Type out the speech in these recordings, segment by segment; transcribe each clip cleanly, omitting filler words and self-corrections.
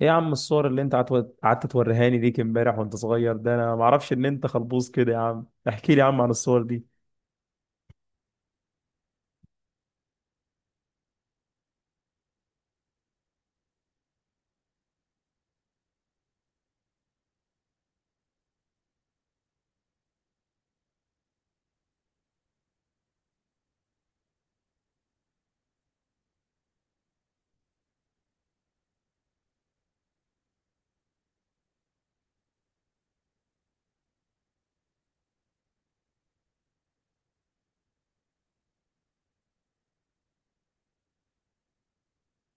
ايه يا عم؟ الصور اللي انت قعدت توريهاني ديك امبارح وانت صغير ده، انا ما اعرفش ان انت خلبوز كده يا عم. احكي لي يا عم عن الصور دي.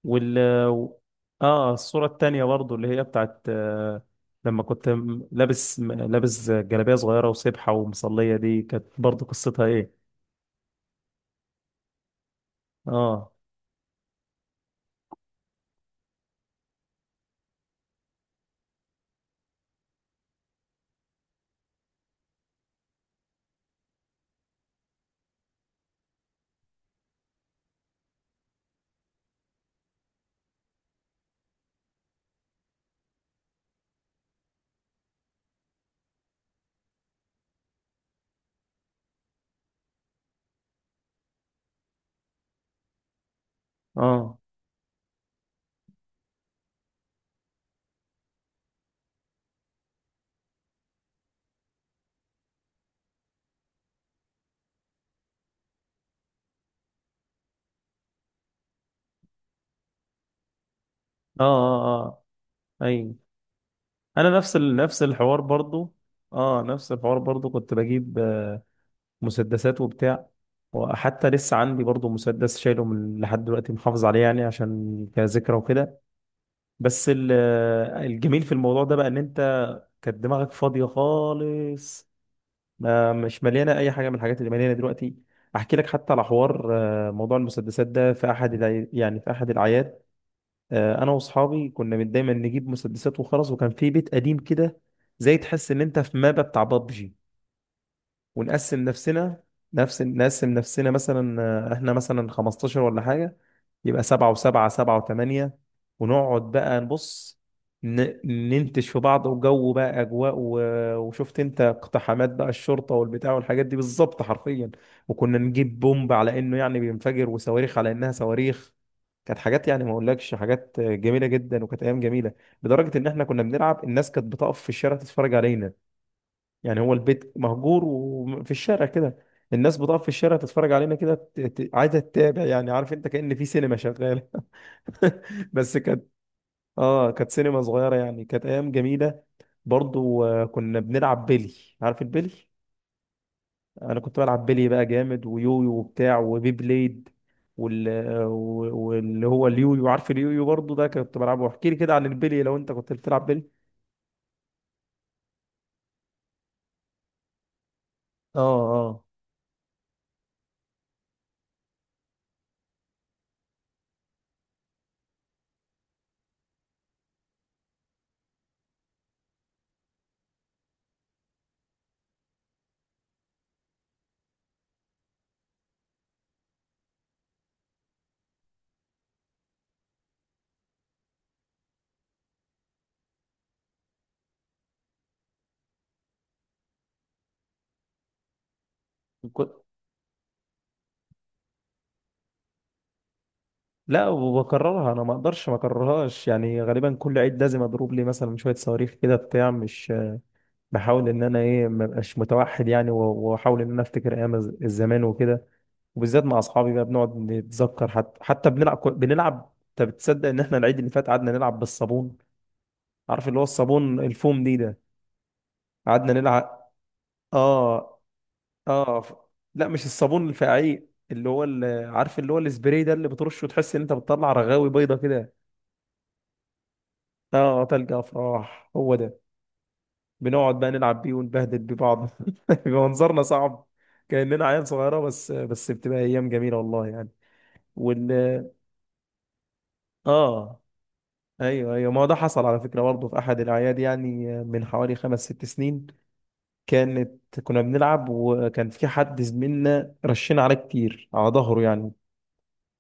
وال اه الصورة التانية برضو اللي هي بتاعت لما كنت لابس جلابية صغيرة وسبحة ومصلية، دي كانت برضو قصتها ايه؟ اه، اه، اه، اه، اه، ايوه، انا نفس نفس الحوار برضو. اه، نفس الحوار برضو كنت بجيب مسدسات وبتاع، وحتى لسه عندي برضو مسدس شايله من لحد دلوقتي، محافظ عليه يعني عشان كذكرى وكده. بس ال- الجميل في الموضوع ده بقى ان انت كانت دماغك فاضية خالص، ما مش مليانة اي حاجة من الحاجات اللي مليانة دلوقتي. احكي لك حتى على حوار، موضوع المسدسات ده في يعني في احد الاعياد، انا واصحابي كنا من دايما نجيب مسدسات وخلاص، وكان في بيت قديم كده، زي تحس ان انت في مابا بتاع بابجي، ونقسم نفسنا، نقسم نفسنا مثلا، احنا مثلا 15 ولا حاجة، يبقى سبعة وسبعة، سبعة وثمانية. ونقعد بقى نبص، ن- ننتش في بعض، وجو بقى أجواء وشفت أنت اقتحامات بقى الشرطة والبتاع والحاجات دي بالظبط حرفيا. وكنا نجيب بومب على إنه يعني بينفجر، وصواريخ على إنها صواريخ. كانت حاجات يعني ما أقولكش، حاجات جميلة جدا، وكانت أيام جميلة. لدرجة إن احنا كنا بنلعب الناس كانت بتقف في الشارع تتفرج علينا. يعني هو البيت مهجور وفي الشارع كده، الناس بتقف في الشارع تتفرج علينا كده، عايزه تتابع يعني، عارف انت، كأن في سينما شغاله. بس كانت، اه، كانت سينما صغيره يعني، كانت ايام جميله. برضو كنا بنلعب بيلي، عارف البيلي؟ انا كنت بلعب بيلي بقى جامد، ويويو وبتاع وبي بليد، وال... آه، و- واللي هو اليويو، عارف اليويو؟ برضو ده كنت بلعبه. احكي لي كده عن البيلي لو انت كنت بتلعب بيلي. اه، اه، لا وبكررها، انا ما اقدرش ما اكررهاش يعني، غالبا كل عيد لازم اضرب لي مثلا شويه صواريخ كده بتاع، مش بحاول ان انا ما ابقاش متوحد يعني، واحاول ان انا افتكر ايام الزمان وكده. وبالذات مع اصحابي بقى بنقعد نتذكر، حتى بنلعب، انت بتصدق ان احنا العيد اللي فات قعدنا نلعب بالصابون؟ عارف اللي هو الصابون الفوم دي ده؟ قعدنا نلعب، اه، اه، لا مش الصابون الفعيق، اللي هو اللي عارف اللي هو السبراي ده اللي بترشه وتحس ان انت بتطلع رغاوي بيضه كده. اه، تلج افراح، هو ده. بنقعد بقى نلعب بيه ونبهدل ببعض، بيبقى منظرنا صعب، كأننا عيال صغيرة، بس بس بتبقى ايام جميلة والله يعني. وال اه ايوه ايوه، ما هو ده حصل على فكرة برضه في احد الاعياد يعني، من حوالي خمس ست سنين، كنا بنلعب وكان في حد زميلنا رشينا عليه كتير على ظهره يعني.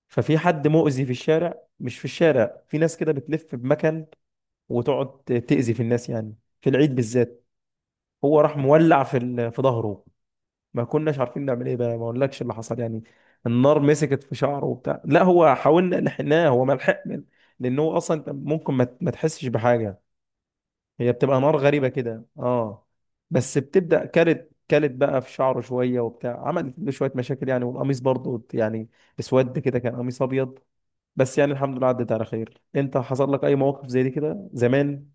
ففي حد مؤذي في الشارع، مش في الشارع، في ناس كده بتلف بمكان وتقعد تأذي في الناس يعني، في العيد بالذات. هو راح مولع في في ظهره. ما كناش عارفين نعمل ايه بقى، ما اقولكش اللي حصل يعني. النار مسكت في شعره وبتاع، لا هو حاولنا لحقناه، هو ما لحق من- لان هو اصلا أنت ممكن ما ما تحسش بحاجه. هي بتبقى نار غريبه كده، اه. بس بتبدا كلت كلت بقى في شعره شويه وبتاع، عملت له شويه مشاكل يعني، والقميص برضه يعني اسود كده، كان قميص ابيض. بس يعني الحمد لله عدت على خير. انت حصل لك اي مواقف زي دي كده زمان؟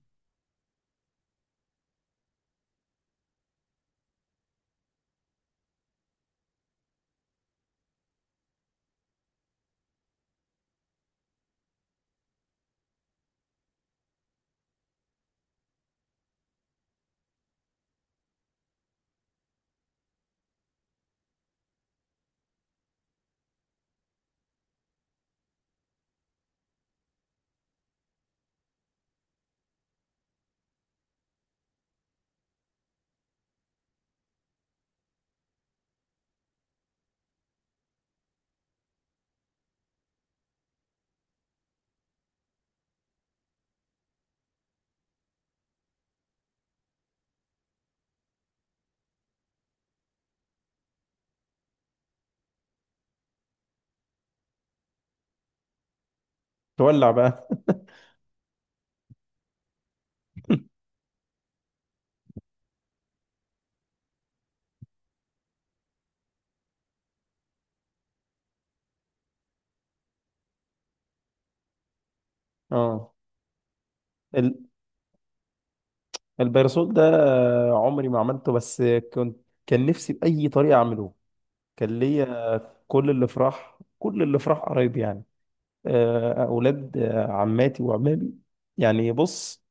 تولع بقى. اه، البيرسول ده؟ عمري ما عملته، بس كنت، كان نفسي بأي طريقة أعمله. كان ليا كل اللي فرح، كل اللي فرح قرايبي يعني، أولاد عماتي وعمامي، يعني بص،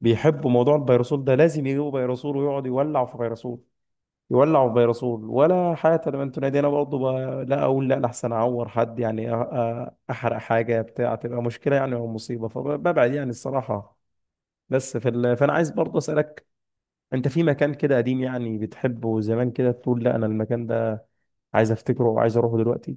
بيحبوا موضوع البيرسول ده، لازم يجيبوا بيرسول ويقعد يولع في بيرسول، يولع في بيرسول ولا حياة لمن تنادي. أنا برضه لا أقول لا، أنا أحسن أعور حد يعني، أحرق حاجة بتاع تبقى مشكلة يعني أو مصيبة، فببعد يعني الصراحة. فأنا عايز برضه أسألك، انت في مكان كده قديم يعني بتحبه زمان، كده تقول لا انا المكان ده عايز افتكره وعايز اروحه دلوقتي؟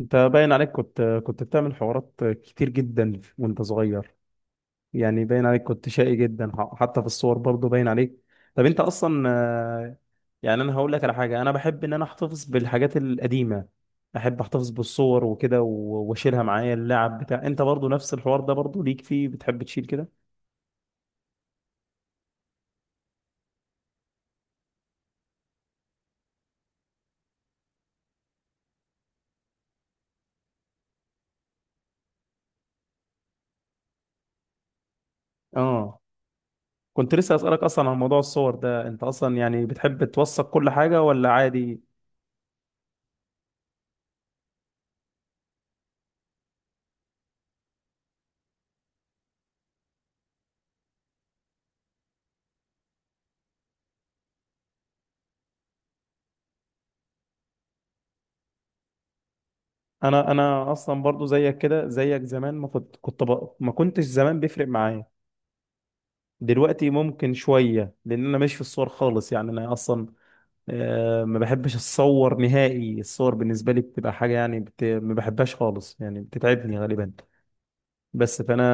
انت باين عليك كنت بتعمل حوارات كتير جدا وانت صغير. يعني باين عليك كنت شقي جدا، حتى في الصور برضه باين عليك. طب انت اصلا يعني انا هقول لك على حاجه، انا بحب ان انا احتفظ بالحاجات القديمه، احب احتفظ بالصور وكده واشيلها معايا. اللعب بتاع انت برضه نفس الحوار ده برضه ليك فيه؟ بتحب تشيل كده؟ اه، كنت لسه أسألك أصلا عن موضوع الصور ده، أنت أصلا يعني بتحب توثق كل حاجة ولا عادي؟ أنا أصلا برضو زيك كده، زيك زمان ما ما كنتش زمان بيفرق معايا. دلوقتي ممكن شوية لأن أنا ماشي في الصور خالص يعني. أنا أصلا ما بحبش أتصور نهائي، الصور بالنسبة لي بتبقى حاجة يعني ما بحبهاش خالص يعني، بتتعبني غالبا. بس فأنا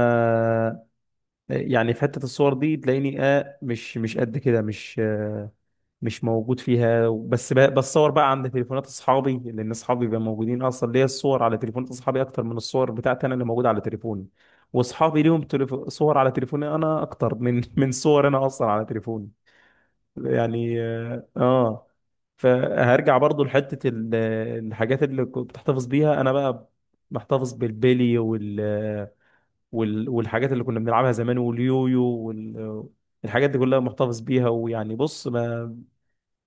يعني في حتة الصور دي تلاقيني، آه، مش مش قد كده، مش موجود فيها. بس بتصور بقى عند تليفونات اصحابي، لان اصحابي بيبقوا موجودين اصلا ليا. الصور على تليفونات اصحابي اكتر من الصور بتاعتي انا اللي موجوده على تليفوني. واصحابي ليهم صور على تليفوني انا اكتر من من صور انا اصلا على تليفوني. يعني، اه، آه. فهرجع برضو لحته الحاجات اللي كنت بتحتفظ بيها. انا بقى محتفظ بالبيلي وال... وال... والحاجات اللي كنا بنلعبها زمان، واليويو وال... الحاجات دي كلها محتفظ بيها، ويعني بص، ما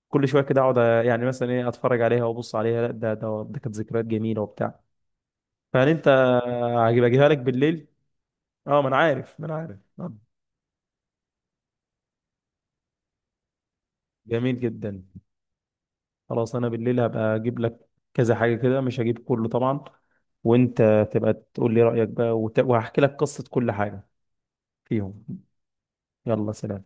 كل شويه كده اقعد، يعني مثلا ايه، اتفرج عليها وابص عليها، لا ده ده ده كانت ذكريات جميله وبتاع. فهل انت هجيب اجيبها لك بالليل؟ اه، ما انا عارف، ما انا عارف، جميل جدا. خلاص انا بالليل هبقى اجيب لك كذا حاجه كده، مش هجيب كله طبعا، وانت تبقى تقول لي رايك بقى، وهحكي لك قصه كل حاجه فيهم. يلا، سلام.